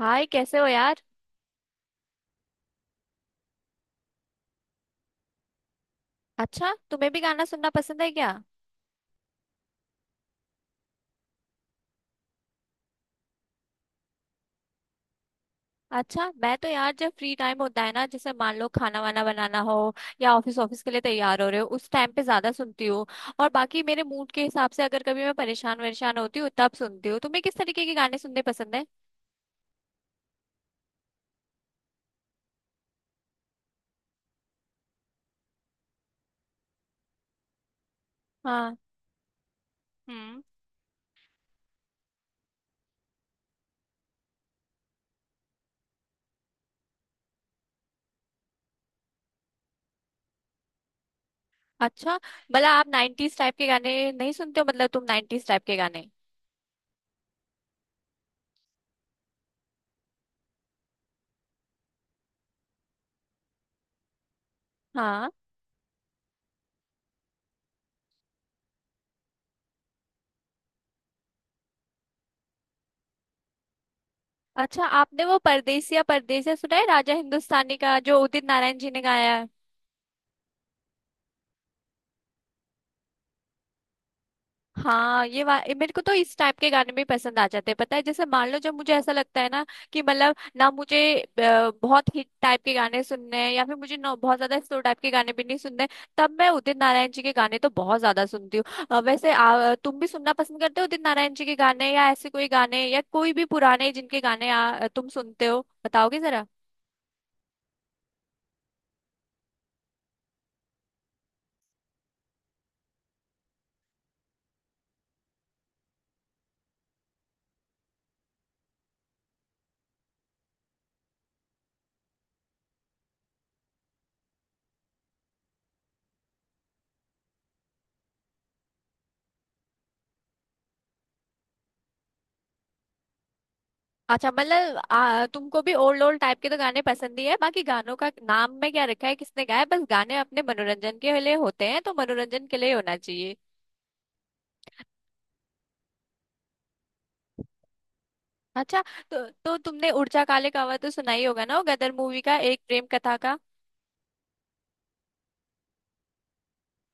हाय, कैसे हो यार। अच्छा, तुम्हें भी गाना सुनना पसंद है क्या। अच्छा, मैं तो यार जब फ्री टाइम होता है ना, जैसे मान लो खाना वाना बनाना हो या ऑफिस ऑफिस के लिए तैयार हो रहे हो, उस टाइम पे ज्यादा सुनती हूँ। और बाकी मेरे मूड के हिसाब से अगर कभी मैं परेशान वरेशान होती हूँ तब सुनती हूँ। तुम्हें किस तरीके के गाने सुनने पसंद है। हाँ। हम्म। अच्छा, मतलब आप नाइन्टीज टाइप के गाने नहीं सुनते हो, मतलब तुम नाइन्टीज टाइप के गाने। हाँ। अच्छा, आपने वो परदेसिया परदेसिया सुना है, राजा हिंदुस्तानी का, जो उदित नारायण जी ने गाया है। हाँ, ये वा ये मेरे को तो इस टाइप के गाने भी पसंद आ जाते हैं, पता है। जैसे मान लो जब मुझे ऐसा लगता है ना कि मतलब ना मुझे बहुत हिट टाइप के गाने सुनने हैं, या फिर मुझे ना बहुत ज्यादा स्लो टाइप के गाने भी नहीं सुनने, तब मैं उदित नारायण जी के गाने तो बहुत ज्यादा सुनती हूँ। वैसे तुम भी सुनना पसंद करते हो उदित नारायण जी के गाने, या ऐसे कोई गाने, या कोई भी पुराने जिनके गाने तुम सुनते हो, बताओगे जरा। अच्छा, मतलब तुमको भी ओल्ड ओल्ड टाइप के तो गाने पसंद ही है। बाकी गानों का नाम में क्या रखा है, किसने गाया है, बस गाने अपने मनोरंजन के लिए होते हैं तो मनोरंजन के लिए होना चाहिए। अच्छा। तो तुमने उड़चा काले कावा तो सुना ही होगा ना, वो गदर मूवी का, एक प्रेम कथा का।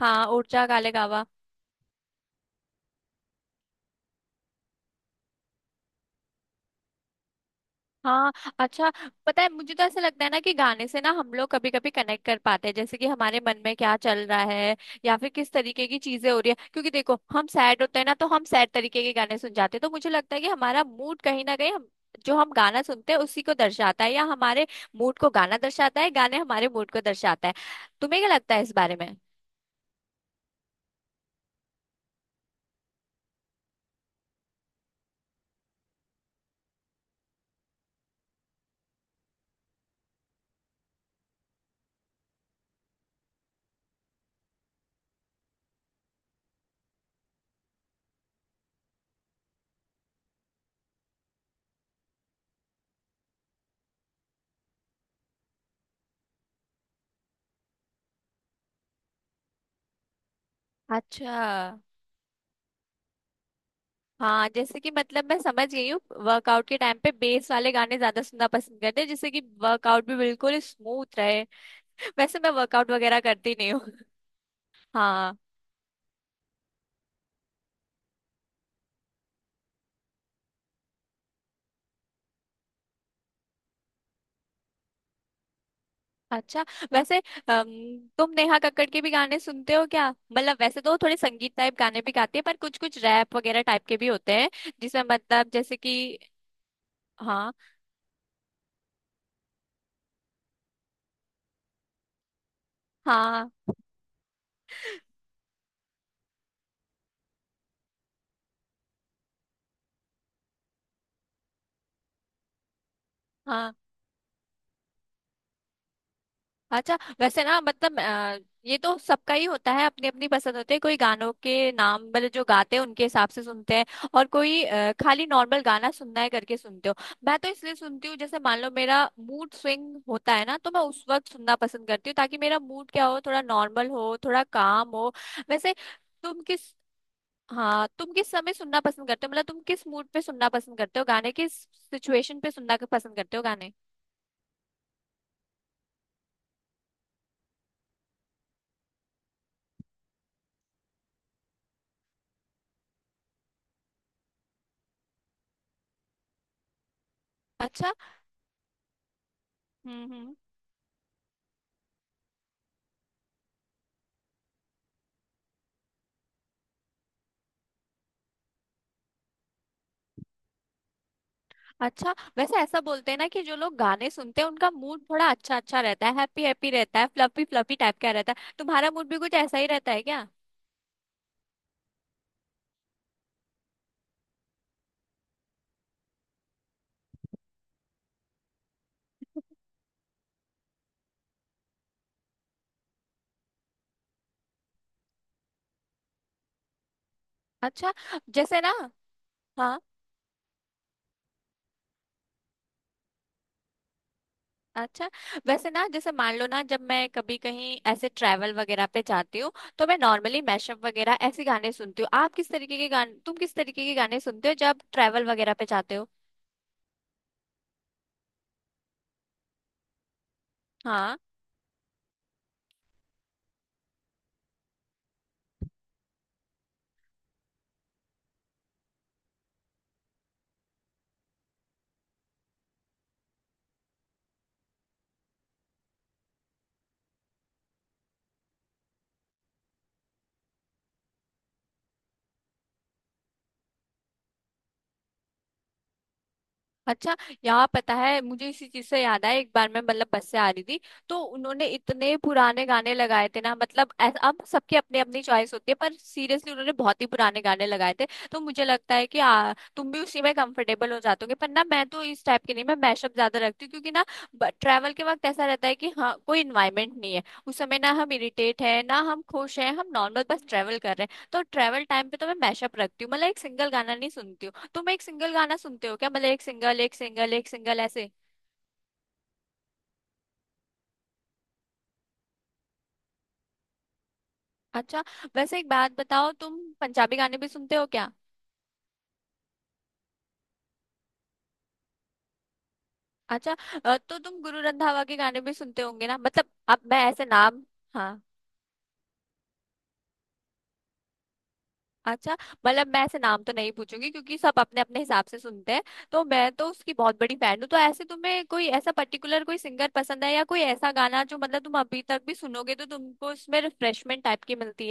हाँ उड़चा काले कावा। हाँ। अच्छा। पता है, मुझे तो ऐसा लगता है ना कि गाने से ना हम लोग कभी कभी कनेक्ट कर पाते हैं, जैसे कि हमारे मन में क्या चल रहा है या फिर किस तरीके की चीजें हो रही है। क्योंकि देखो, हम सैड होते हैं ना, तो हम सैड तरीके के गाने सुन जाते हैं। तो मुझे लगता है कि हमारा मूड कहीं ना कहीं हम जो हम गाना सुनते हैं उसी को दर्शाता है, या हमारे मूड को गाना दर्शाता है, गाने हमारे मूड को दर्शाता है। तुम्हें क्या लगता है इस बारे में। अच्छा। हाँ, जैसे कि मतलब मैं समझ गई हूँ, वर्कआउट के टाइम पे बेस वाले गाने ज्यादा सुनना पसंद करते हैं, जिससे कि वर्कआउट भी बिल्कुल स्मूथ रहे। वैसे मैं वर्कआउट वगैरह करती नहीं हूँ। हाँ। अच्छा, वैसे तुम नेहा कक्कड़ के भी गाने सुनते हो क्या, मतलब वैसे तो वो थोड़े संगीत टाइप गाने भी गाती है पर कुछ कुछ रैप वगैरह टाइप के भी होते हैं, जिसमें मतलब जैसे कि। हाँ, हाँ, हाँ। अच्छा, वैसे ना मतलब ये तो सबका ही होता है, अपनी अपनी पसंद होती है। कोई गानों के नाम मतलब जो गाते हैं उनके हिसाब से सुनते हैं, और कोई खाली नॉर्मल गाना सुनना है करके सुनते हो। मैं तो इसलिए सुनती हूँ जैसे मान लो मेरा मूड स्विंग होता है ना, तो मैं उस वक्त सुनना पसंद करती हूँ, ताकि मेरा मूड क्या हो, थोड़ा नॉर्मल हो, थोड़ा काम हो। वैसे तुम किस हाँ, तुम किस समय सुनना पसंद करते हो, मतलब तुम किस मूड पे सुनना पसंद करते हो गाने, किस सिचुएशन पे सुनना पसंद करते हो गाने। अच्छा। हम्म। हम्म। अच्छा, वैसे ऐसा बोलते हैं ना कि जो लोग गाने सुनते हैं उनका मूड थोड़ा अच्छा अच्छा रहता है, हैप्पी हैप्पी रहता है, फ्लफी फ्लफी टाइप का रहता है। तुम्हारा मूड भी कुछ ऐसा ही रहता है क्या। अच्छा। जैसे ना। हाँ। अच्छा, वैसे ना, जैसे मान लो ना, जब मैं कभी कहीं ऐसे ट्रैवल वगैरह पे जाती हूँ तो मैं नॉर्मली मैशअप वगैरह ऐसे गाने सुनती हूँ। आप किस तरीके के गाने, तुम किस तरीके के गाने सुनते हो जब ट्रैवल वगैरह पे जाते हो। हाँ। अच्छा, यहाँ पता है, मुझे इसी चीज से याद आया, एक बार मैं मतलब बस से आ रही थी, तो उन्होंने इतने पुराने गाने लगाए थे ना, मतलब अब सबकी अपनी अपनी चॉइस होती है, पर सीरियसली उन्होंने बहुत ही पुराने गाने लगाए थे। तो मुझे लगता है कि तुम भी उसी में कंफर्टेबल हो जाते होगे। पर ना, मैं तो इस टाइप के नहीं, मैं मैशअप ज्यादा रखती हूँ, क्योंकि ना ट्रैवल के वक्त ऐसा रहता है कि हाँ, कोई इन्वायरमेंट नहीं है, उस समय ना हम इरिटेट है ना हम खुश हैं, हम नॉर्मल बस ट्रैवल कर रहे हैं। तो ट्रैवल टाइम पे तो मैं मैशअप रखती हूँ, मतलब एक सिंगल गाना नहीं सुनती हूँ। तुम एक सिंगल गाना सुनते हो क्या, मतलब एक सिंगल एक सिंगल एक सिंगल ऐसे। अच्छा। वैसे एक बात बताओ, तुम पंजाबी गाने भी सुनते हो क्या। अच्छा। तो तुम गुरु रंधावा के गाने भी सुनते होंगे ना, मतलब अब मैं ऐसे नाम। हाँ। अच्छा, मतलब मैं ऐसे नाम तो नहीं पूछूंगी क्योंकि सब अपने अपने हिसाब से सुनते हैं। तो मैं तो उसकी बहुत बड़ी फैन हूँ। तो ऐसे तुम्हें कोई ऐसा पर्टिकुलर कोई सिंगर पसंद है, या कोई ऐसा गाना जो मतलब तुम अभी तक भी सुनोगे तो तुमको इसमें रिफ्रेशमेंट टाइप की मिलती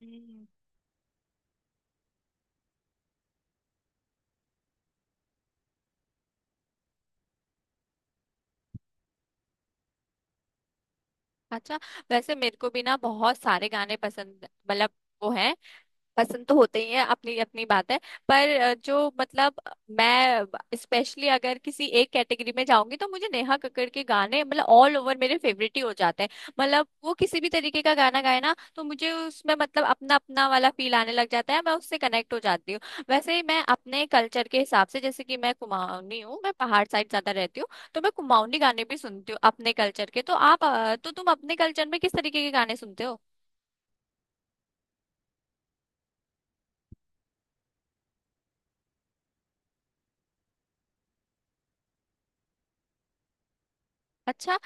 है। अच्छा। वैसे मेरे को भी ना बहुत सारे गाने पसंद, मतलब वो है, पसंद तो होते ही हैं, अपनी अपनी बात है। पर जो मतलब मैं स्पेशली अगर किसी एक कैटेगरी में जाऊंगी तो मुझे नेहा कक्कड़ के गाने मतलब ऑल ओवर मेरे फेवरेट ही हो जाते हैं। मतलब वो किसी भी तरीके का गाना गाए ना, तो मुझे उसमें मतलब अपना अपना वाला फील आने लग जाता है, मैं उससे कनेक्ट हो जाती हूँ। वैसे ही मैं अपने कल्चर के हिसाब से, जैसे कि मैं कुमाऊनी हूँ, मैं पहाड़ साइड ज्यादा रहती हूँ, तो मैं कुमाऊनी गाने भी सुनती हूँ अपने कल्चर के। तो आप तो तुम अपने कल्चर में किस तरीके के गाने सुनते हो। अच्छा।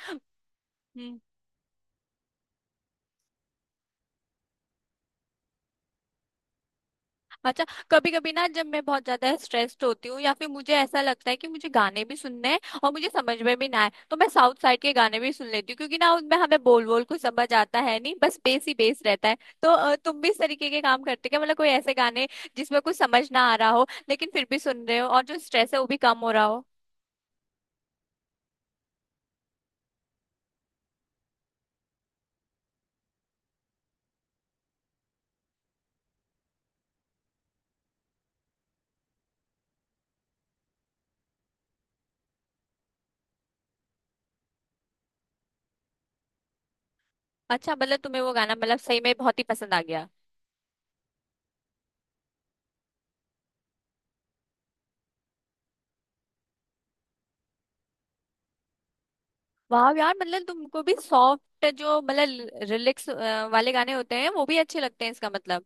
अच्छा, कभी कभी ना जब मैं बहुत ज्यादा स्ट्रेस्ड होती हूँ या फिर मुझे ऐसा लगता है कि मुझे गाने भी सुनने हैं और मुझे समझ में भी ना आए, तो मैं साउथ साइड के गाने भी सुन लेती हूँ, क्योंकि ना उनमें हमें बोल बोल कुछ समझ आता है नहीं, बस बेस ही बेस रहता है। तो तुम भी इस तरीके के काम करते हो क्या, मतलब कोई ऐसे गाने जिसमें कुछ समझ ना आ रहा हो लेकिन फिर भी सुन रहे हो और जो स्ट्रेस है वो भी कम हो रहा हो। अच्छा, मतलब तुम्हें वो गाना मतलब सही में बहुत ही पसंद आ गया। वाह यार, मतलब तुमको भी सॉफ्ट जो मतलब रिलैक्स वाले गाने होते हैं वो भी अच्छे लगते हैं इसका मतलब।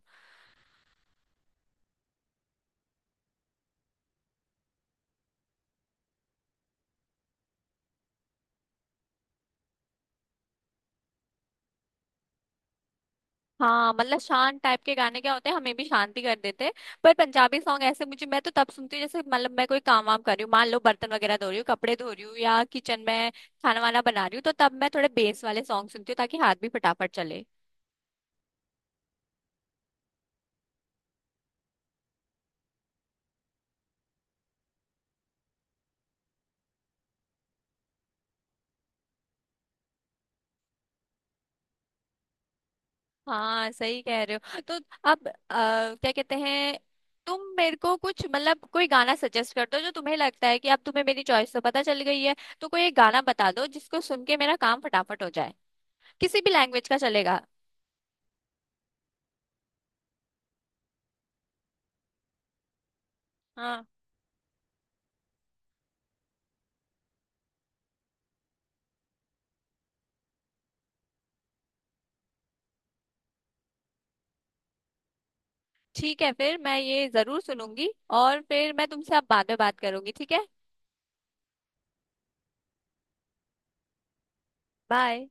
हाँ, मतलब शांत टाइप के गाने क्या होते हैं, हमें भी शांति कर देते हैं। पर पंजाबी सॉन्ग ऐसे मुझे, मैं तो तब सुनती हूँ जैसे मतलब मैं कोई काम वाम कर रही हूँ, मान लो बर्तन वगैरह धो रही हूँ, कपड़े धो रही हूँ या किचन में खाना वाना बना रही हूँ, तो तब मैं थोड़े बेस वाले सॉन्ग सुनती हूँ ताकि हाथ भी फटाफट चले। हाँ सही कह रहे हो। तो अब क्या कहते हैं, तुम मेरे को कुछ मतलब कोई गाना सजेस्ट कर दो जो तुम्हें लगता है, कि अब तुम्हें मेरी चॉइस तो पता चल गई है, तो कोई एक गाना बता दो जिसको सुन के मेरा काम फटाफट हो जाए। किसी भी लैंग्वेज का चलेगा। हाँ, ठीक है, फिर मैं ये जरूर सुनूंगी। और फिर मैं तुमसे अब बाद में बात करूंगी, ठीक है। बाय।